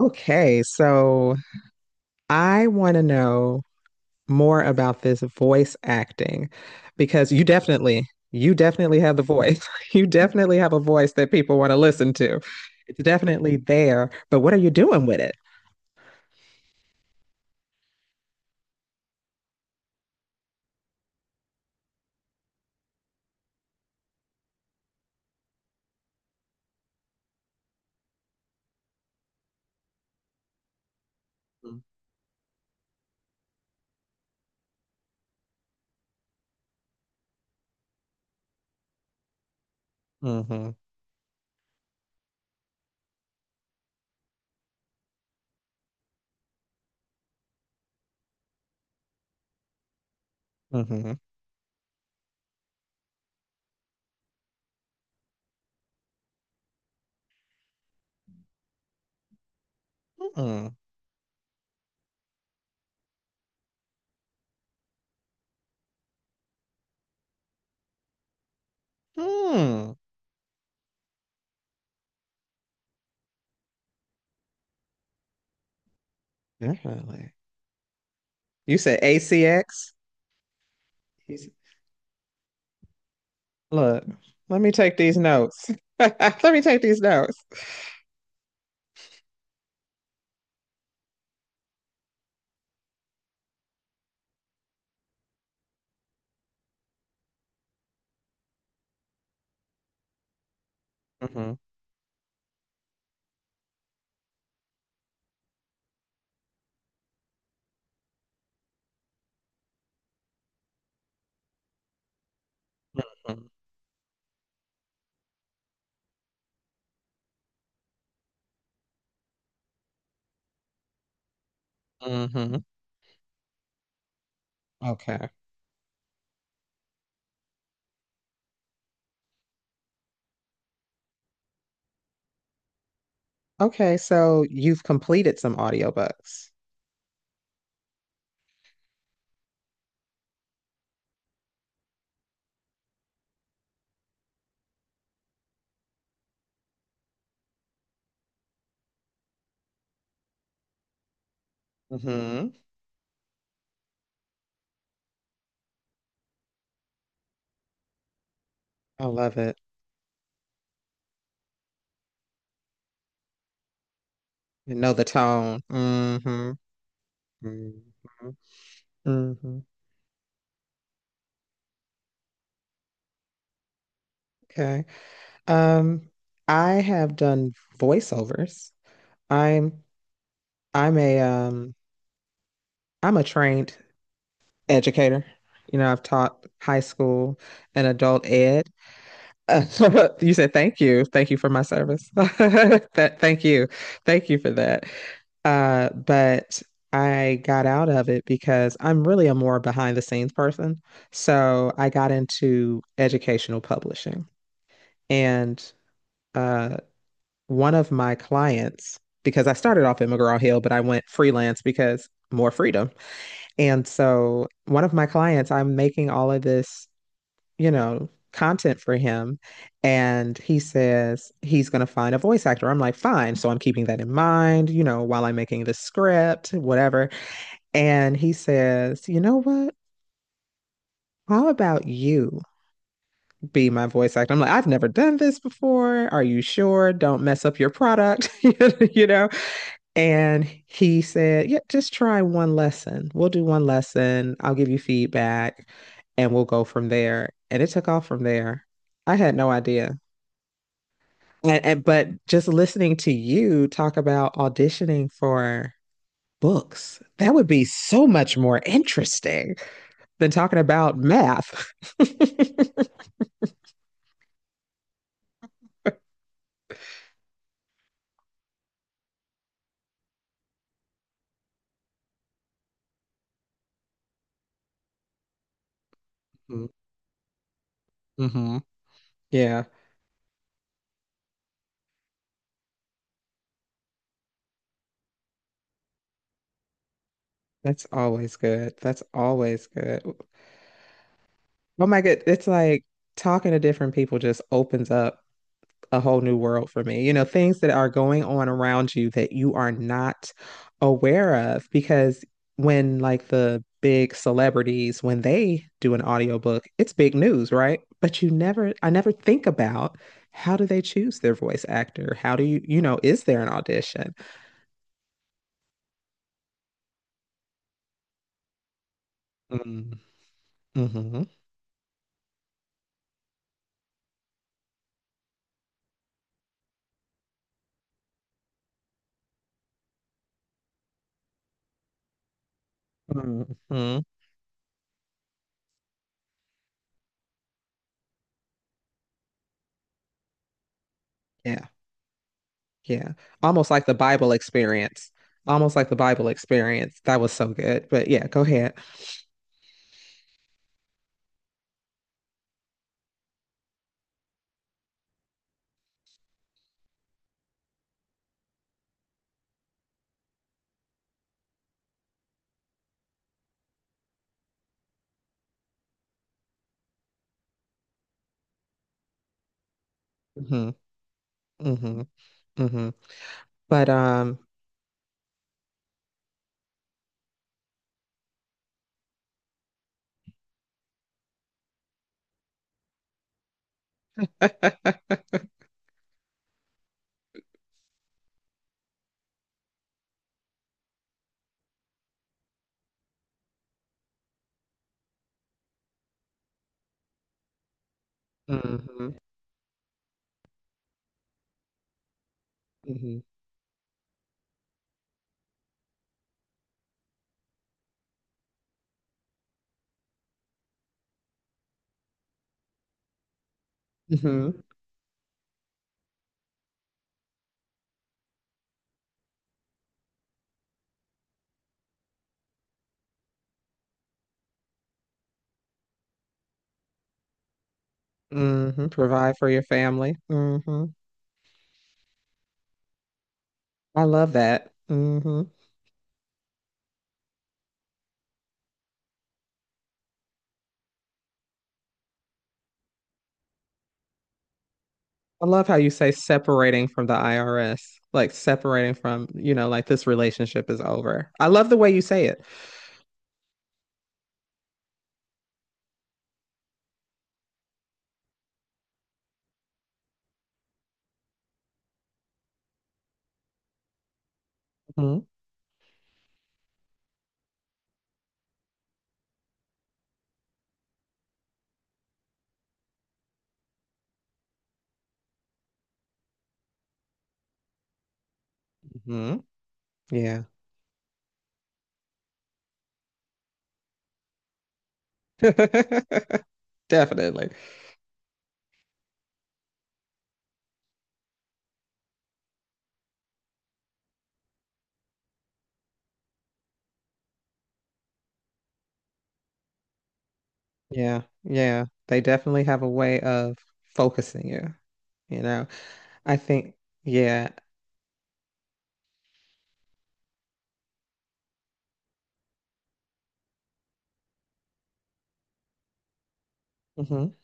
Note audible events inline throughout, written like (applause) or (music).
Okay, so I want to know more about this voice acting because you definitely have the voice. (laughs) You definitely have a voice that people want to listen to. It's definitely there, but what are you doing with it? Mm-hmm. Hmm. Hmm. Hmm. Definitely. You said ACX? He's- Look, let me take these notes. (laughs) Let me take these notes. Hmm. Hmm. Hmm. Okay. Okay, so you've completed some audiobooks. Hmm. I love it. You know the tone. Hmm. Hmm. Hmm. Okay. Um, I have done voiceovers. I'm I'm a um I'm a trained educator. You know, I've taught high school and adult ed. Uh, (laughs) you said thank you. Thank you for my service. (laughs) That thank you. Thank you for that. But I got out of it because I'm really a more behind the scenes person. So I got into educational publishing. And uh, one of my clients, because I started off at McGraw Hill, but I went freelance because more freedom. And so one of my clients, I'm making all of this content for him. And he says he's going to find a voice actor. I'm like, fine. So I'm keeping that in mind, while I'm making the script, whatever. And he says, you know what? How about you be my voice actor? I'm like, I've never done this before. Are you sure? Don't mess up your product, (laughs) you know? And he said, Yeah, just try one lesson. We'll do one lesson. I'll give you feedback and we'll go from there. And it took off from there. I had no idea. And but just listening to you talk about auditioning for books, that would be so much more interesting than talking about math. (laughs) Mm-hmm. Yeah, that's always good. That's always good. Oh my God, it's like talking to different people just opens up a whole new world for me. You know, things that are going on around you that you are not aware of because when like the big celebrities when they do an audiobook, it's big news, right? But you never I never think about how do they choose their voice actor? How do you, is there an audition? Mm, mhm, mhm. Yeah. Yeah. Almost like the Bible experience. Almost like the Bible experience. That was so good. But yeah, go ahead. Hmm. Hmm. Hmm. But Hmm. Hmm. Hmm. Hmm. Provide for your family. Hmm. I love that. Hmm. I love how you say separating from the IRS, like separating from, like this relationship is over. I love the way you say it. Hmm. Hmm. Yeah. (laughs) Definitely. Yeah. Yeah. They definitely have a way of focusing you. You know, I think, yeah. Hmm.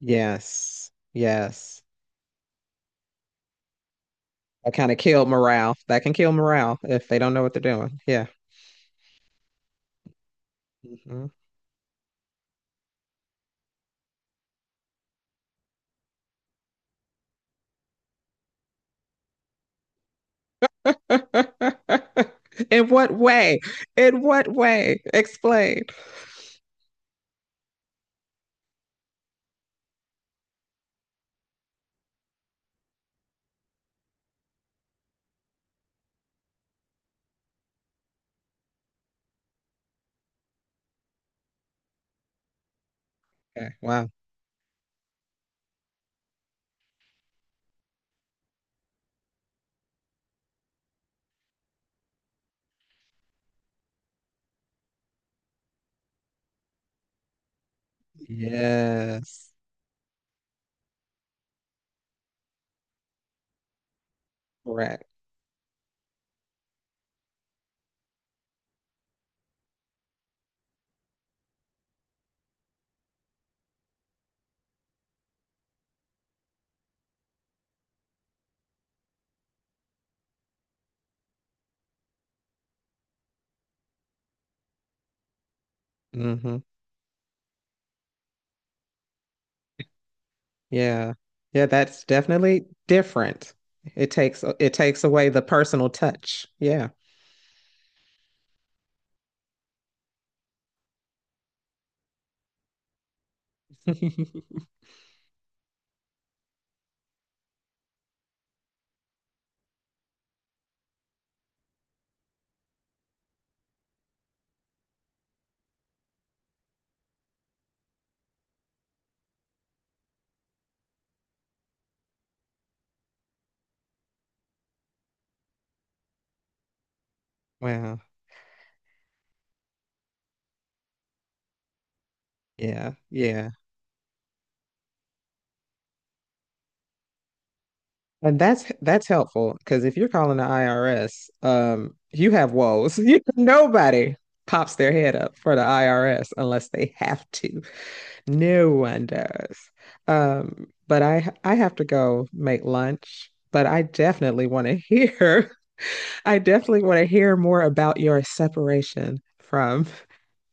Yes. Yes. That kind of killed morale. That can kill morale if they don't know what they're doing. Yeah. Hmm. (laughs) In what way? In what way? Explain. Okay. Wow. Yes. Correct. Hmm. Yeah. Yeah, that's definitely different. It takes away the personal touch. Yeah. (laughs) Wow. Yeah. Yeah. And that's helpful because if you're calling the IRS, you have woes. (laughs) Nobody pops their head up for the IRS unless they have to. No one does. But I have to go make lunch, but I definitely want to (laughs) hear I definitely want to hear more about your separation from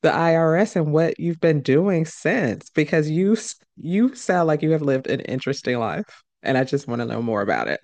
the IRS and what you've been doing since, because you sound like you have lived an interesting life, and I just want to know more about it.